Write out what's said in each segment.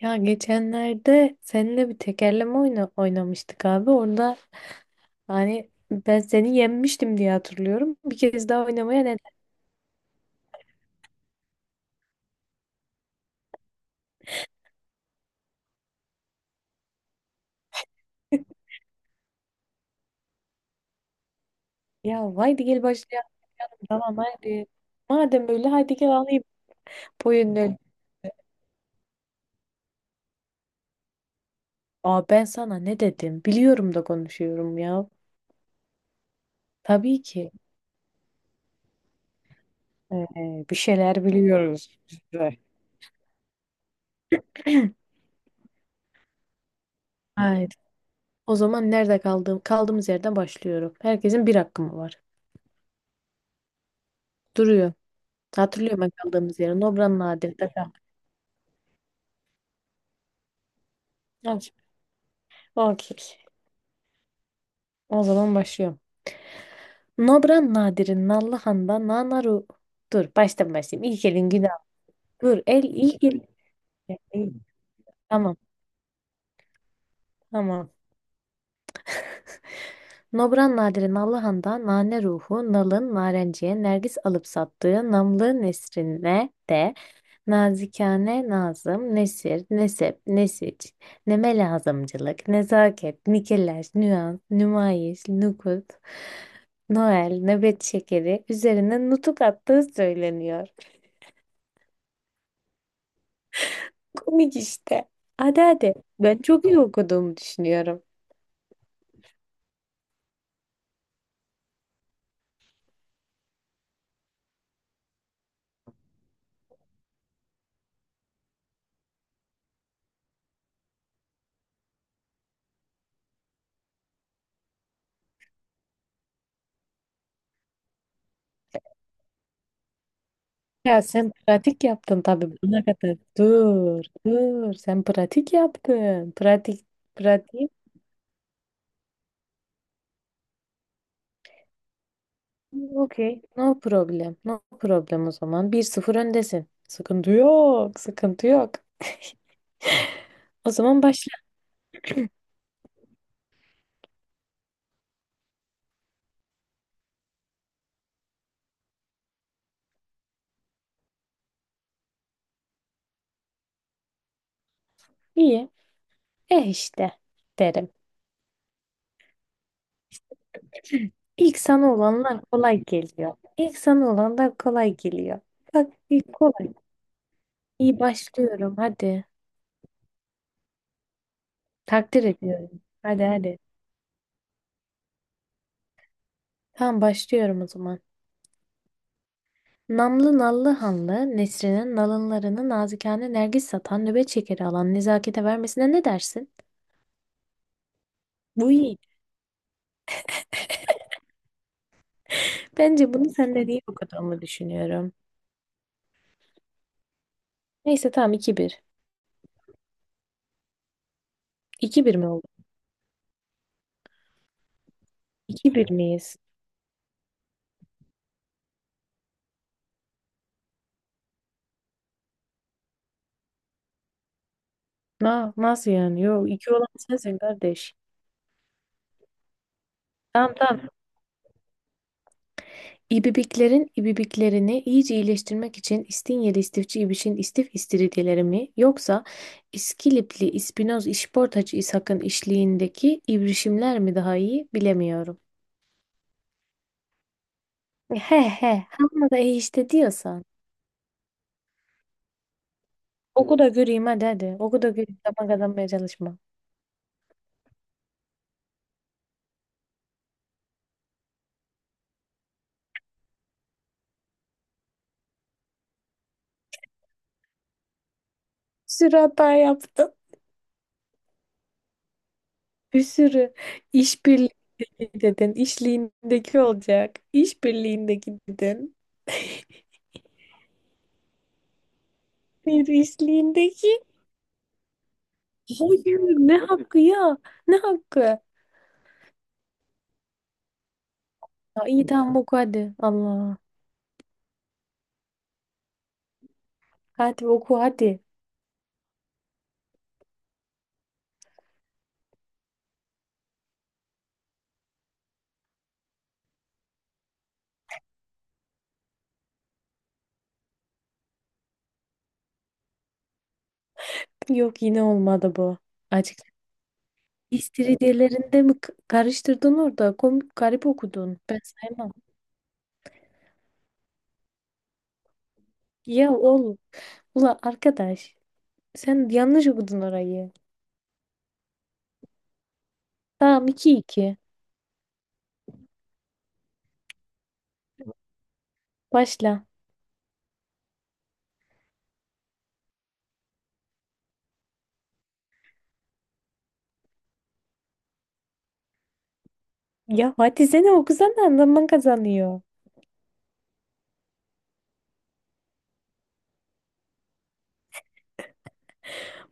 Ya geçenlerde seninle bir tekerleme oynamıştık abi. Orada hani ben seni yenmiştim diye hatırlıyorum. Bir kez daha oynamaya ne? Ya haydi gel başlayalım. Tamam haydi. Madem öyle haydi gel alayım. Boyun öyle. Aa ben sana ne dedim? Biliyorum da konuşuyorum ya. Tabii ki. Bir şeyler biliyoruz biz de. Haydi. O zaman nerede kaldığımız yerden başlıyorum. Herkesin bir hakkı mı var? Duruyor. Hatırlıyorum ben kaldığımız yeri. Nobran Nadir'de. Okey. Okey. O zaman başlıyorum. Nobran Nadir'in Nallıhan'da Nanaru. Dur baştan başlayayım. İlk elin günah. Dur el ilk elin. Tamam tamam. Nobran Nadir'in Nallıhan'da Nane Ruhu, Nal'ın Narenciye, Nergis alıp sattığı Namlı Nesrine de nazikane, nazım, nesir, nesep, nesiç, neme lazımcılık, nezaket, nikeleş, nüans, nümayiş, nukut, Noel, nöbet şekeri üzerine nutuk attığı söyleniyor. Komik işte. Hadi hadi. Ben çok iyi okuduğumu düşünüyorum. Ya sen pratik yaptın tabii buna kadar. Dur. Sen pratik yaptın. Pratik, pratik. Okey. No problem. No problem o zaman. Bir sıfır öndesin. Sıkıntı yok. Sıkıntı yok. O zaman başla. İyi. Eh işte derim. İlk sana olanlar kolay geliyor. İlk sana olanlar kolay geliyor. Bak ilk kolay. İyi başlıyorum hadi. Takdir ediyorum. Hadi hadi. Tamam başlıyorum o zaman. Namlı nallı hanlı Nesrin'in nalınlarını nazikane nergis satan nöbet şekeri alan nezakete vermesine ne dersin? Bu iyi. Bence bunu sen de değil okuduğumu düşünüyorum. Neyse tamam iki bir. İki bir mi oldu? İki bir miyiz? Na, nasıl yani? Yok 2 olan sensin kardeş. Tamam tamam. İbibiklerin ibibiklerini iyice iyileştirmek için İstinyeli istifçi İbiş'in istif istiridyeleri mi yoksa İskilipli İspinoz İşportacı İshak'ın işliğindeki ibrişimler mi daha iyi bilemiyorum. He he. Ama da iyi işte diyorsan. Oku da göreyim hadi hadi. Oku da göreyim. Tamam kazanmaya çalışma. Sürata yaptım. Bir sürü işbirliğindeki dedin, işliğindeki olacak. İşbirliğindeki dedin. Bir işliğindeki. Hayır, ne hakkı ya? Ne hakkı? Ya iyi tamam oku hadi. Allah. Hadi oku hadi. Yok yine olmadı bu. Açık. İstiridyelerinde mi karıştırdın orada? Komik garip okudun. Ben saymam. Ya oğlum. Ula arkadaş. Sen yanlış okudun orayı. Tamam iki iki. Başla. Ya hadi seni okusana zaman kazanıyor.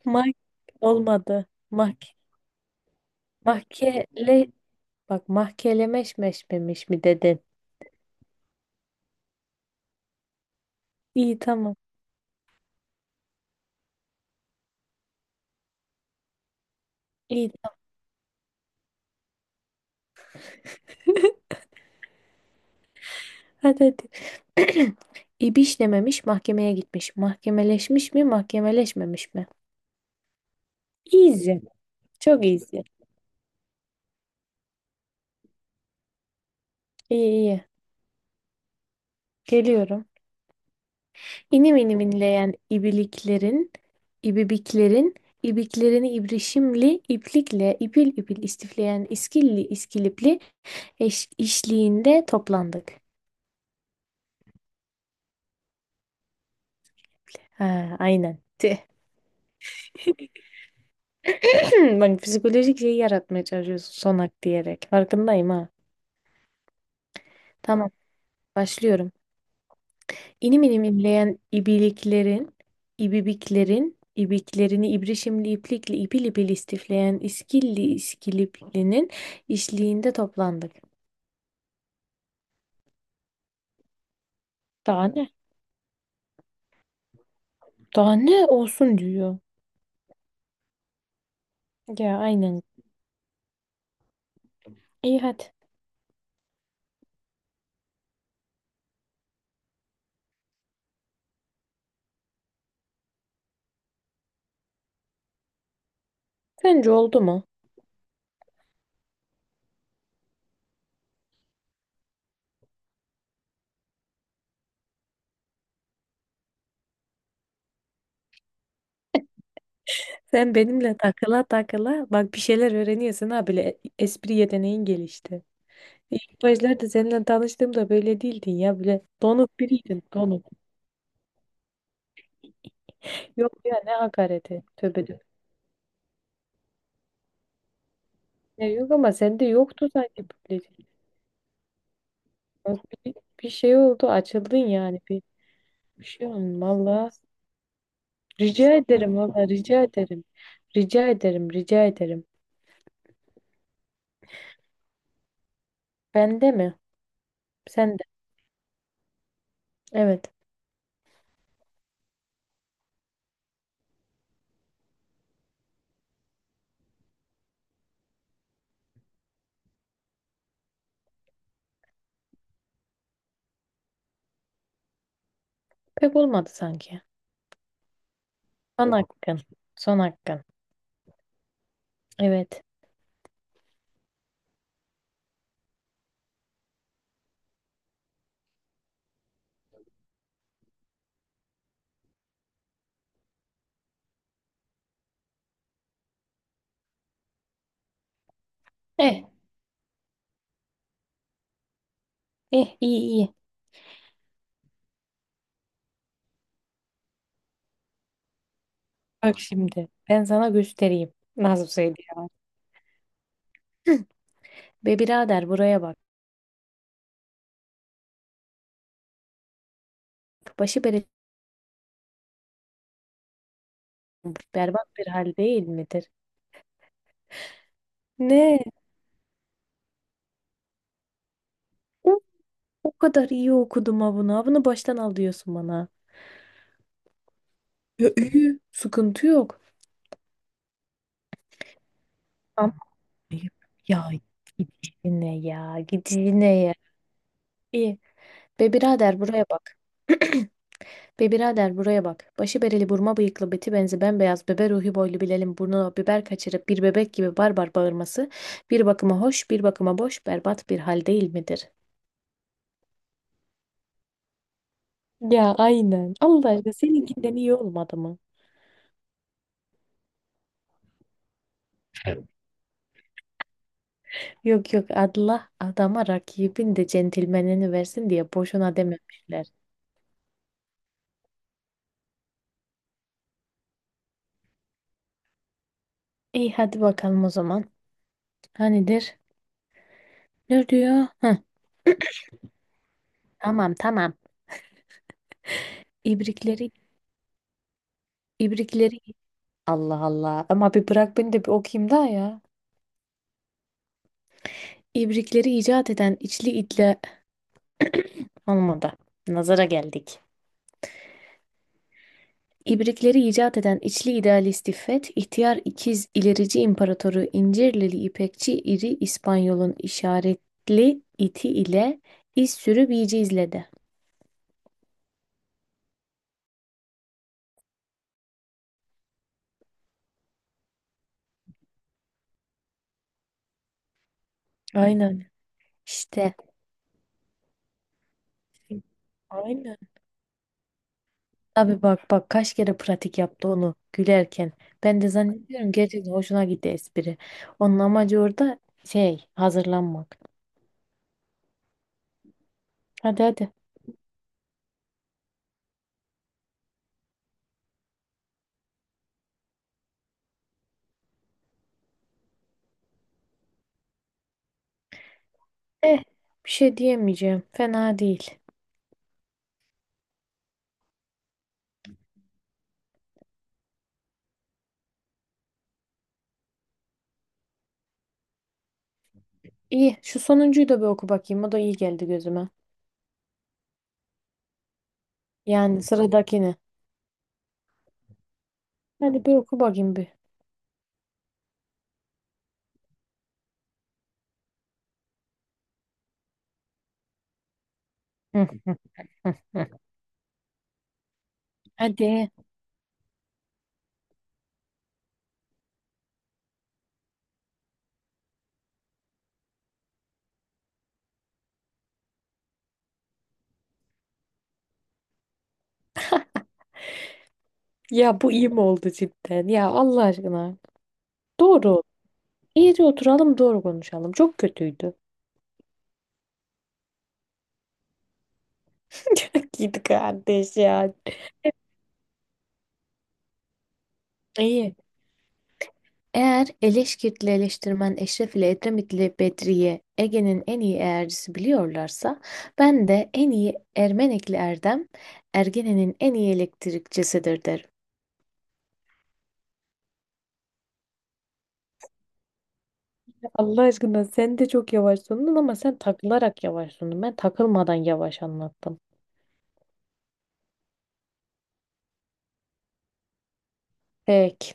Mak olmadı. Mak mahkele bak mahkelemeşmeşmemiş mi dedin? İyi tamam. İyi. Tamam. Hadi hadi. İbişlememiş mahkemeye gitmiş. Mahkemeleşmiş mi mahkemeleşmemiş mi? Easy. Çok easy. İyi iyi. Geliyorum. İnim inim inleyen ibiliklerin, ibibiklerin, ibiklerini ibrişimli, iplikle, ipil ipil istifleyen iskilli, iskilipli eş, işliğinde toplandık. Ha, aynen. Hmm, bak psikolojik şeyi yaratmaya çalışıyorsun sonak diyerek. Farkındayım ha. Tamam başlıyorum. İnim inim inleyen ibiliklerin, ibibiklerin, ibiklerini ibrişimli iplikle ipil ipil istifleyen iskilli iskiliplinin işliğinde toplandık. Daha ne? Daha ne olsun diyor. Ya aynen. İyi hadi. Sence oldu mu? Sen benimle takıla takıla bak bir şeyler öğreniyorsun ha bile espri yeteneğin gelişti. İlk başlarda seninle tanıştığımda böyle değildin ya böyle donuk biriydin donuk. Yok ya ne hakareti tövbe de. Ya yok ama sende yoktu sanki böyle. Bak Bir, bir şey oldu açıldın yani bir şey oldu valla. Rica ederim valla rica ederim. Rica ederim rica ederim. Bende mi? Sende. Evet. Pek olmadı sanki. Son hakkın. Son hakkın. Evet. Eh. Eh iyi iyi. Bak şimdi ben sana göstereyim. Nasıl söyleyeyim? Be birader buraya bak. Başı bere berbat bir hal değil midir? Ne? O, o kadar iyi okudum ha bunu. Ha bunu baştan al diyorsun bana. Ya iyi. Sıkıntı yok. Ama ayıp. Ya git işine ya. Git işine ya. İyi. Be birader buraya bak. Be birader buraya bak. Başı bereli burma bıyıklı beti benzi bembeyaz bebe ruhi boylu Bilal'in burnuna biber kaçırıp bir bebek gibi barbar bağırması bir bakıma hoş bir bakıma boş berbat bir hal değil midir? Ya aynen. Allah aşkına seninkinden iyi olmadı mı? Yok yok Allah adama rakibin de centilmenini versin diye boşuna dememişler. İyi hadi bakalım o zaman. Ha nedir? Ne diyor? Hı, tamam tamam. İbrikleri ibrikleri Allah Allah. Ama bir bırak beni de bir okuyayım daha ya. İbrikleri icat eden içli itle olmadı. Nazara geldik. İbrikleri icat eden içli idealist İffet, ihtiyar ikiz ilerici imparatoru İncirlili İpekçi İri İspanyol'un işaretli iti ile iz sürü bici izledi. Aynen. İşte aynen. Abi bak bak kaç kere pratik yaptı onu gülerken. Ben de zannediyorum gerçekten hoşuna gitti espri. Onun amacı orada şey hazırlanmak. Hadi hadi. Eh bir şey diyemeyeceğim. Fena değil. İyi şu sonuncuyu da bir oku bakayım. O da iyi geldi gözüme. Yani sıradakini. Hadi bir oku bakayım bir. Hı, hı, hı. Hadi. Ya bu iyi mi oldu cidden? Ya Allah aşkına. Doğru. İyice oturalım doğru konuşalım. Çok kötüydü. Çok iyiydi kardeş ya. İyi. Eğer Eleşkirtli eleştirmen Eşref ile Edremitli Bedriye Ege'nin en iyi eğercisi biliyorlarsa ben de en iyi Ermenekli Erdem Ergene'nin en iyi elektrikçisidir derim. Allah aşkına sen de çok yavaş sundun ama sen takılarak yavaş sundun. Ben takılmadan yavaş anlattım. Peki.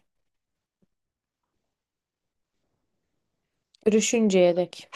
Görüşünceye dek.